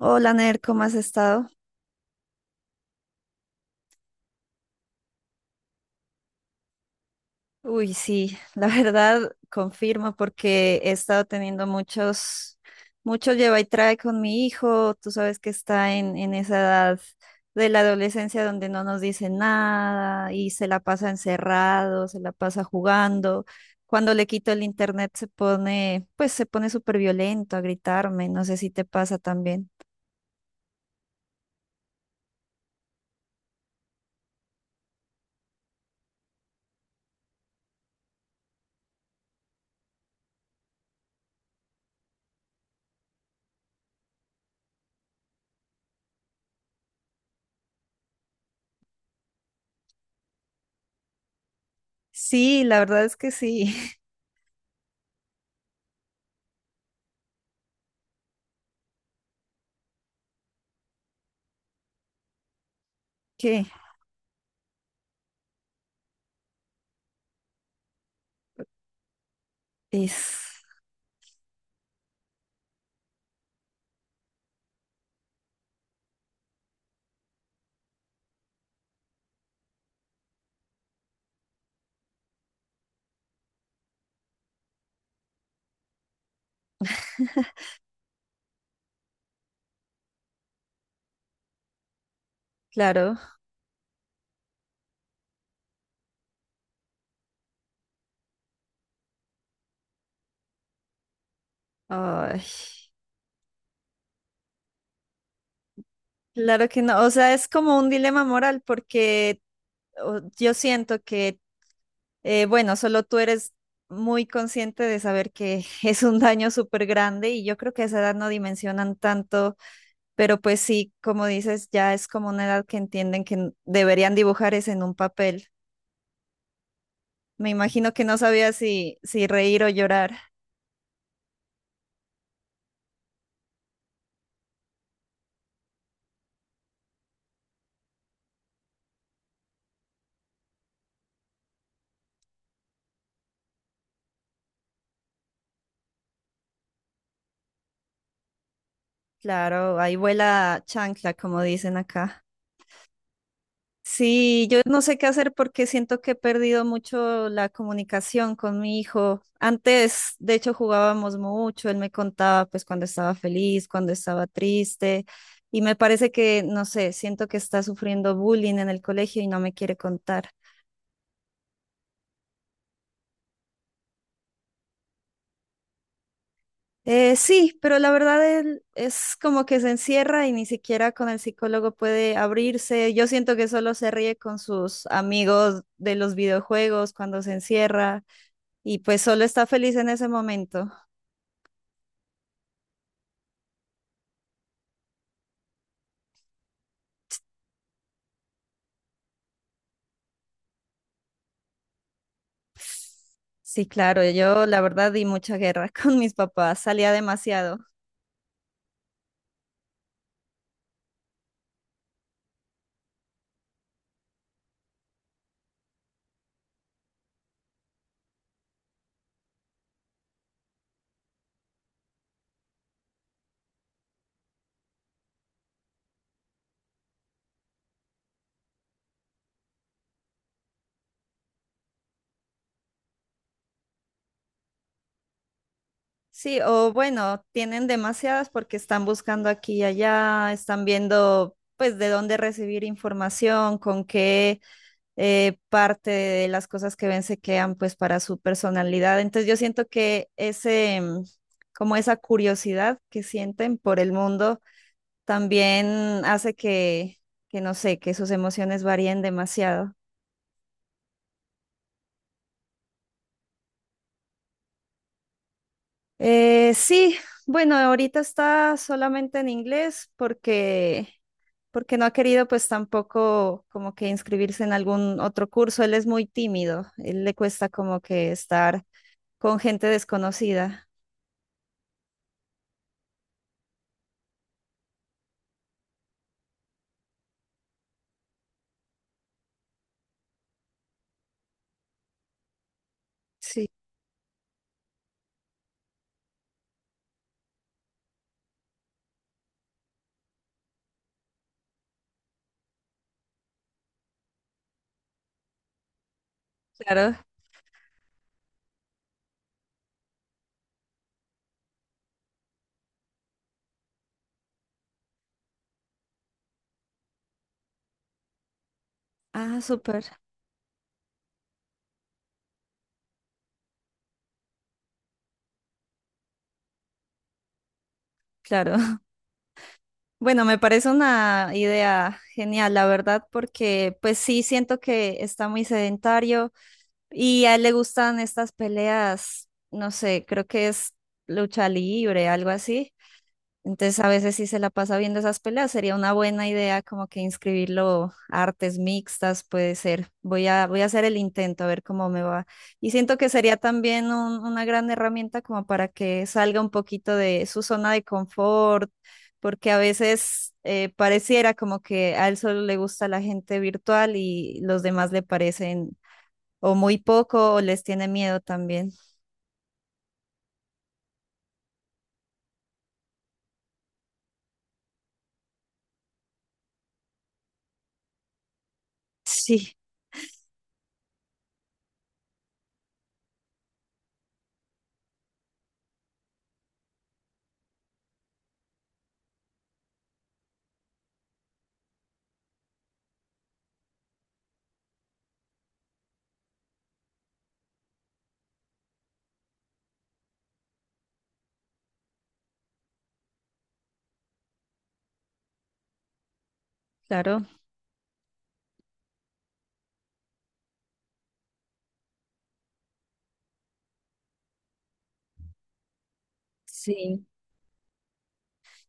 Hola, Ner, ¿cómo has estado? Uy, sí, la verdad confirmo porque he estado teniendo muchos lleva y trae con mi hijo. Tú sabes que está en esa edad de la adolescencia donde no nos dice nada y se la pasa encerrado, se la pasa jugando. Cuando le quito el internet se pone, pues se pone súper violento a gritarme. No sé si te pasa también. Sí, la verdad es que sí. ¿Qué? Es. Claro. Ay. Claro que no, o sea, es como un dilema moral porque yo siento que, bueno, solo tú eres muy consciente de saber que es un daño súper grande y yo creo que a esa edad no dimensionan tanto, pero pues sí, como dices, ya es como una edad que entienden que deberían dibujar es en un papel. Me imagino que no sabía si, si reír o llorar. Claro, ahí vuela chancla, como dicen acá. Sí, yo no sé qué hacer porque siento que he perdido mucho la comunicación con mi hijo. Antes, de hecho, jugábamos mucho, él me contaba pues cuando estaba feliz, cuando estaba triste, y me parece que, no sé, siento que está sufriendo bullying en el colegio y no me quiere contar. Sí, pero la verdad él es como que se encierra y ni siquiera con el psicólogo puede abrirse. Yo siento que solo se ríe con sus amigos de los videojuegos cuando se encierra, y pues solo está feliz en ese momento. Sí, claro, yo la verdad di mucha guerra con mis papás, salía demasiado. Sí, o bueno, tienen demasiadas porque están buscando aquí y allá, están viendo pues de dónde recibir información, con qué, parte de las cosas que ven se quedan pues para su personalidad. Entonces yo siento que ese, como esa curiosidad que sienten por el mundo también hace que no sé, que sus emociones varíen demasiado. Sí, bueno, ahorita está solamente en inglés porque no ha querido pues tampoco como que inscribirse en algún otro curso. Él es muy tímido, él le cuesta como que estar con gente desconocida. Sí, claro. Ah, súper, claro. Bueno, me parece una idea genial, la verdad, porque pues sí siento que está muy sedentario. Y a él le gustan estas peleas, no sé, creo que es lucha libre, algo así. Entonces a veces sí se la pasa viendo esas peleas, sería una buena idea como que inscribirlo a artes mixtas, puede ser. Voy a hacer el intento a ver cómo me va. Y siento que sería también una gran herramienta como para que salga un poquito de su zona de confort, porque a veces pareciera como que a él solo le gusta la gente virtual y los demás le parecen o muy poco o les tiene miedo también. Sí, claro, sí.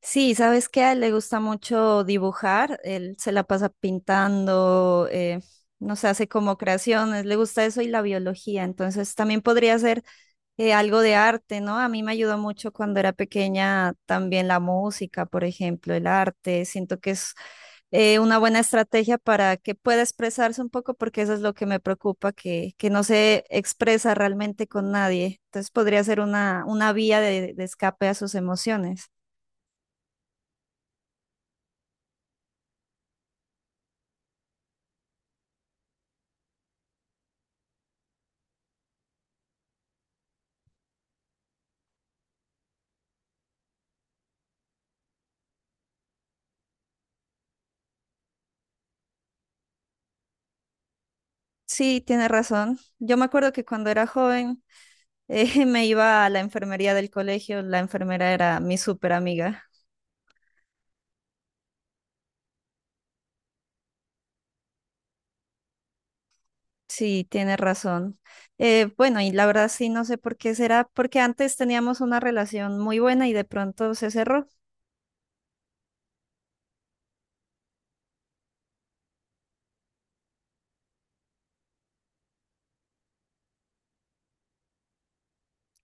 Sí, ¿sabes qué? A él le gusta mucho dibujar, él se la pasa pintando, no sé, hace como creaciones, le gusta eso y la biología, entonces también podría ser, algo de arte, ¿no? A mí me ayudó mucho cuando era pequeña también la música, por ejemplo, el arte. Siento que es, una buena estrategia para que pueda expresarse un poco, porque eso es lo que me preocupa, que no se expresa realmente con nadie. Entonces podría ser una vía de escape a sus emociones. Sí, tiene razón. Yo me acuerdo que cuando era joven, me iba a la enfermería del colegio, la enfermera era mi súper amiga. Sí, tiene razón. Bueno, y la verdad sí, no sé por qué será, porque antes teníamos una relación muy buena y de pronto se cerró.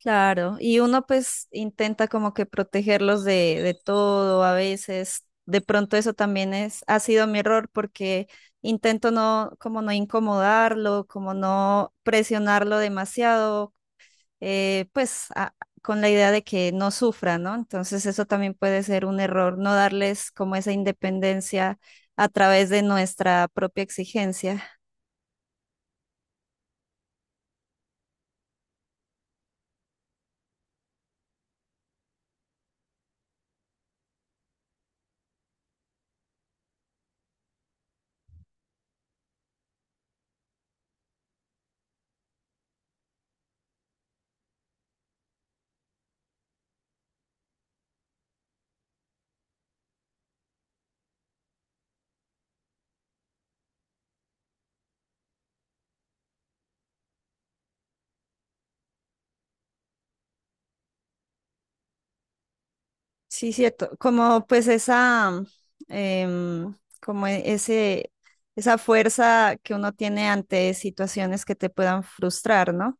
Claro, y uno pues intenta como que protegerlos de todo a veces. De pronto eso también es, ha sido mi error porque intento no, como no incomodarlo, como no presionarlo demasiado, pues con la idea de que no sufra, ¿no? Entonces eso también puede ser un error, no darles como esa independencia a través de nuestra propia exigencia. Sí, cierto, como pues esa, em, como ese, esa fuerza que uno tiene ante situaciones que te puedan frustrar, ¿no?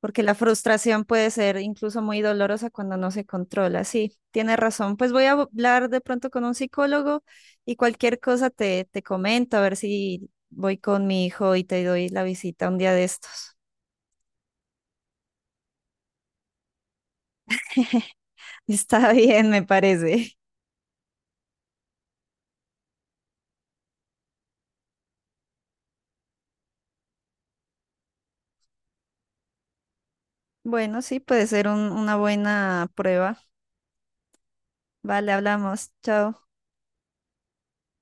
Porque la frustración puede ser incluso muy dolorosa cuando no se controla. Sí, tienes razón. Pues voy a hablar de pronto con un psicólogo y cualquier cosa te, te comento, a ver si voy con mi hijo y te doy la visita un día de estos. Está bien, me parece. Bueno, sí, puede ser una buena prueba. Vale, hablamos. Chao.